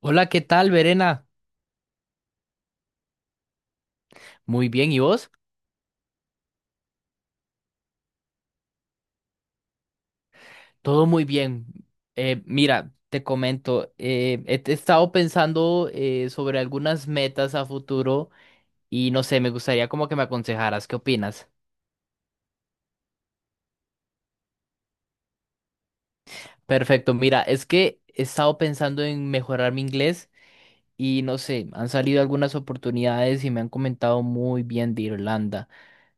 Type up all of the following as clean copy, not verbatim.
Hola, ¿qué tal, Verena? Muy bien, ¿y vos? Todo muy bien. Mira, te comento, he estado pensando sobre algunas metas a futuro y no sé, me gustaría como que me aconsejaras. ¿Qué opinas? Perfecto, mira, es que he estado pensando en mejorar mi inglés y no sé, han salido algunas oportunidades y me han comentado muy bien de Irlanda.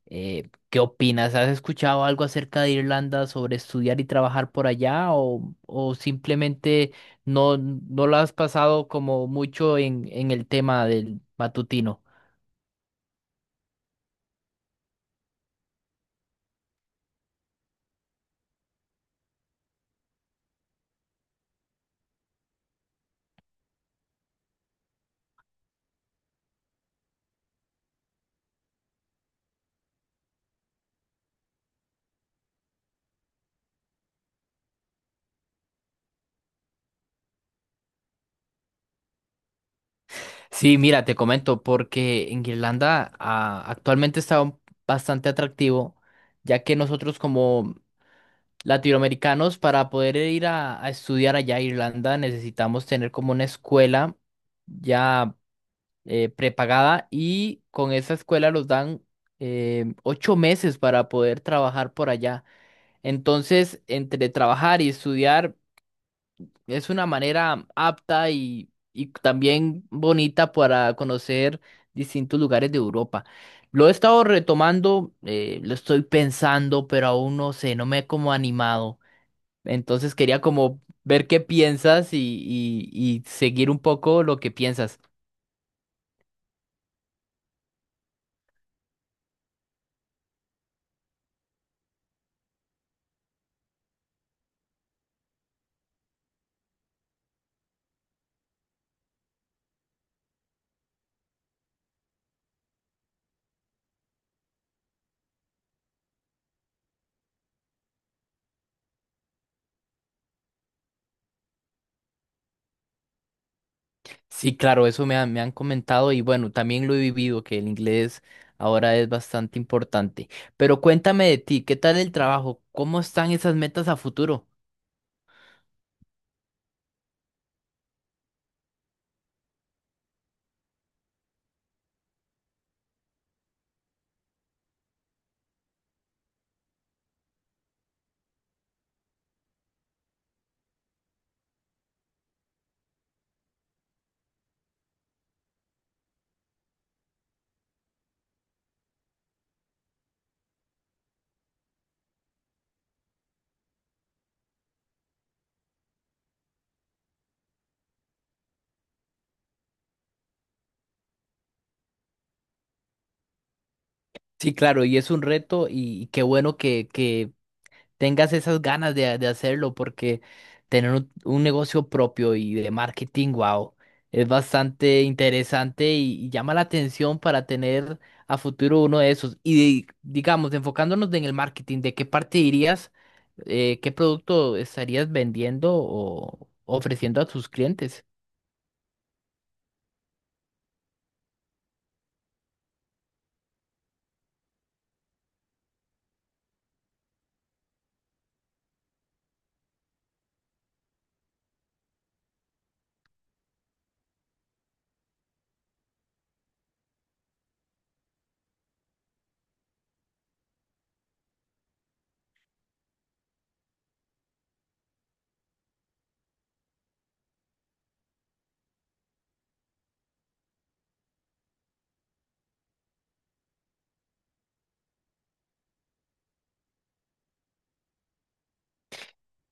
¿Qué opinas? ¿Has escuchado algo acerca de Irlanda sobre estudiar y trabajar por allá o simplemente no lo has pasado como mucho en el tema del matutino? Sí, mira, te comento, porque en Irlanda actualmente está bastante atractivo, ya que nosotros como latinoamericanos para poder ir a estudiar allá a Irlanda necesitamos tener como una escuela. Ya prepagada, y con esa escuela los dan ocho meses para poder trabajar por allá. Entonces, entre trabajar y estudiar es una manera apta y también bonita para conocer distintos lugares de Europa. Lo he estado retomando, lo estoy pensando, pero aún no sé, no me he como animado. Entonces quería como ver qué piensas, y seguir un poco lo que piensas. Sí, claro, eso me han comentado y bueno, también lo he vivido, que el inglés ahora es bastante importante. Pero cuéntame de ti, ¿qué tal el trabajo? ¿Cómo están esas metas a futuro? Sí, claro, y es un reto y qué bueno que tengas esas ganas de hacerlo, porque tener un negocio propio y de marketing, wow, es bastante interesante y llama la atención para tener a futuro uno de esos. Y digamos, enfocándonos en el marketing, ¿de qué parte irías? ¿Qué producto estarías vendiendo o ofreciendo a tus clientes?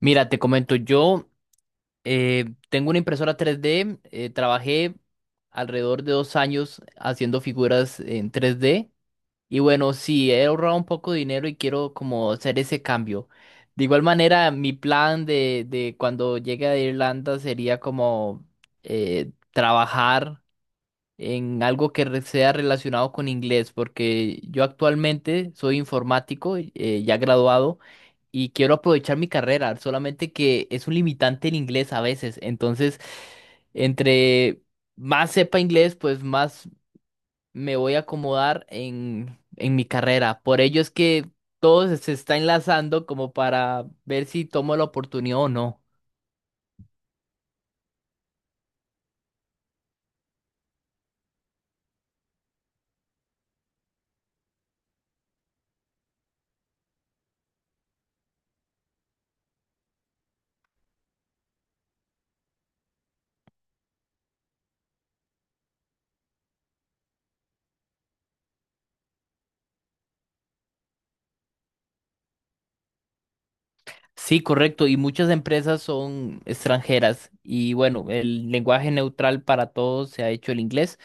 Mira, te comento, yo tengo una impresora 3D, trabajé alrededor de dos años haciendo figuras en 3D. Y bueno, sí, he ahorrado un poco de dinero y quiero como hacer ese cambio. De igual manera, mi plan de cuando llegue a Irlanda sería como trabajar en algo que sea relacionado con inglés, porque yo actualmente soy informático, ya graduado, y quiero aprovechar mi carrera, solamente que es un limitante el inglés a veces. Entonces, entre más sepa inglés, pues más me voy a acomodar en mi carrera. Por ello es que todo se está enlazando como para ver si tomo la oportunidad o no. Sí, correcto. Y muchas empresas son extranjeras. Y bueno, el lenguaje neutral para todos se ha hecho el inglés.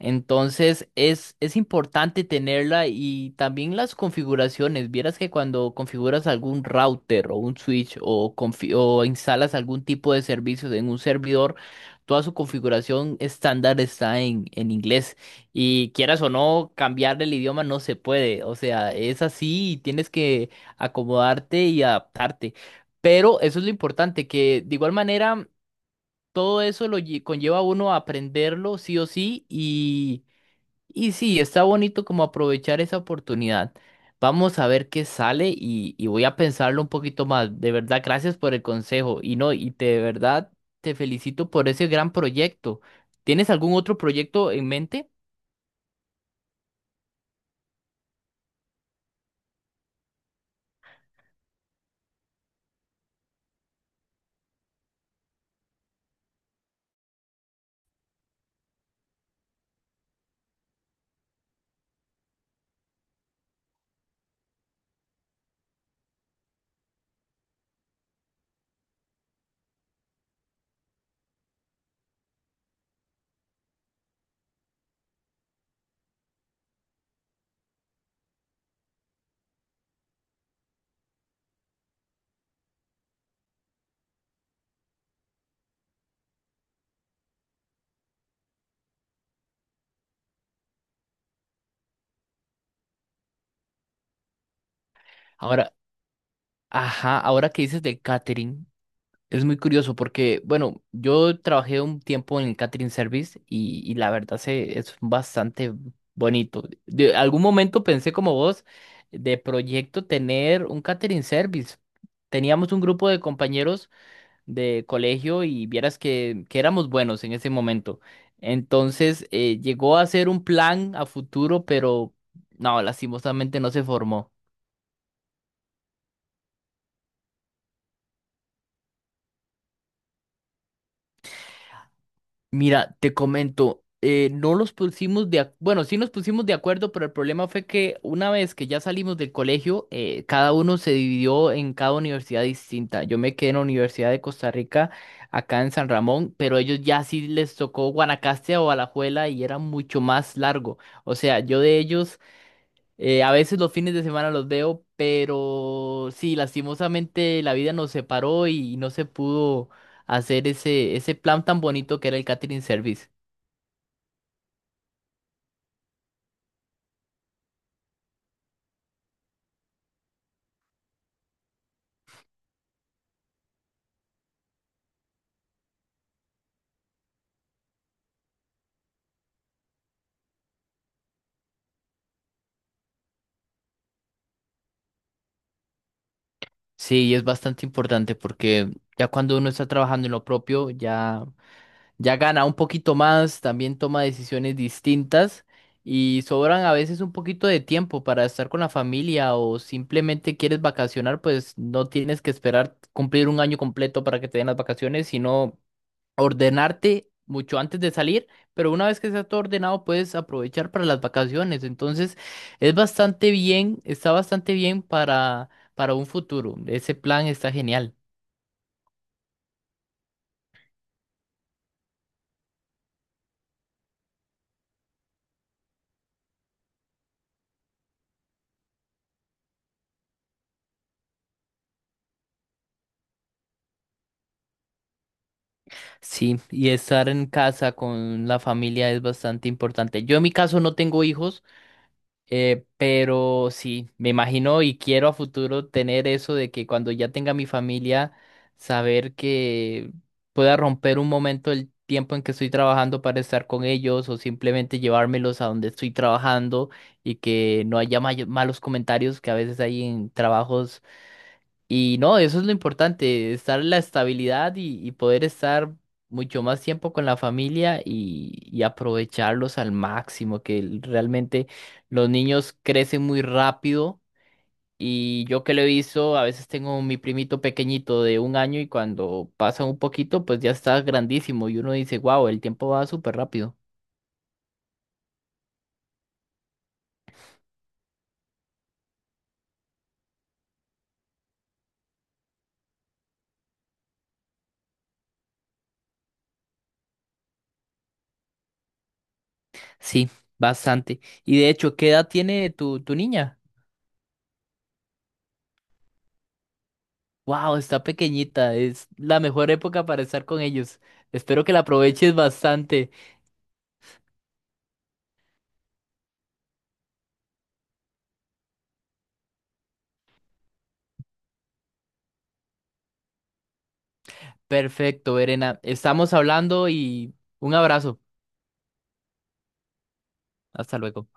Entonces es importante tenerla y también las configuraciones. Vieras que cuando configuras algún router o un switch o o instalas algún tipo de servicios en un servidor, toda su configuración estándar está en inglés. Y quieras o no, cambiar el idioma no se puede. O sea, es así y tienes que acomodarte y adaptarte. Pero eso es lo importante, que de igual manera todo eso lo conlleva a uno a aprenderlo sí o sí y sí, está bonito como aprovechar esa oportunidad. Vamos a ver qué sale, y voy a pensarlo un poquito más. De verdad, gracias por el consejo. Y no, y te, de verdad te felicito por ese gran proyecto. ¿Tienes algún otro proyecto en mente? Ahora, ajá, ahora que dices del catering. Es muy curioso porque, bueno, yo trabajé un tiempo en el catering service y la verdad es bastante bonito. De algún momento pensé como vos de proyecto tener un catering service. Teníamos un grupo de compañeros de colegio y vieras que éramos buenos en ese momento. Entonces, llegó a ser un plan a futuro, pero no, lastimosamente no se formó. Mira, te comento, no los pusimos de, bueno, sí nos pusimos de acuerdo, pero el problema fue que una vez que ya salimos del colegio, cada uno se dividió en cada universidad distinta. Yo me quedé en la Universidad de Costa Rica, acá en San Ramón, pero ellos ya sí les tocó Guanacaste o Alajuela y era mucho más largo. O sea, yo de ellos a veces los fines de semana los veo, pero sí, lastimosamente la vida nos separó y no se pudo hacer ese plan tan bonito que era el catering service. Sí, es bastante importante porque ya cuando uno está trabajando en lo propio, ya, ya gana un poquito más, también toma decisiones distintas y sobran a veces un poquito de tiempo para estar con la familia o simplemente quieres vacacionar, pues no tienes que esperar cumplir un año completo para que te den las vacaciones, sino ordenarte mucho antes de salir, pero una vez que está todo ordenado puedes aprovechar para las vacaciones. Entonces, es bastante bien, está bastante bien para un futuro. Ese plan está genial. Sí, y estar en casa con la familia es bastante importante. Yo en mi caso no tengo hijos. Pero sí, me imagino y quiero a futuro tener eso de que cuando ya tenga mi familia, saber que pueda romper un momento el tiempo en que estoy trabajando para estar con ellos o simplemente llevármelos a donde estoy trabajando y que no haya malos comentarios que a veces hay en trabajos y no, eso es lo importante, estar en la estabilidad y poder estar mucho más tiempo con la familia y aprovecharlos al máximo, que realmente los niños crecen muy rápido y yo que lo he visto, a veces tengo mi primito pequeñito de un año y cuando pasa un poquito, pues ya está grandísimo y uno dice, wow, el tiempo va súper rápido. Sí, bastante. Y de hecho, ¿qué edad tiene tu niña? Wow, está pequeñita. Es la mejor época para estar con ellos. Espero que la aproveches bastante. Perfecto, Verena. Estamos hablando y un abrazo. Hasta luego.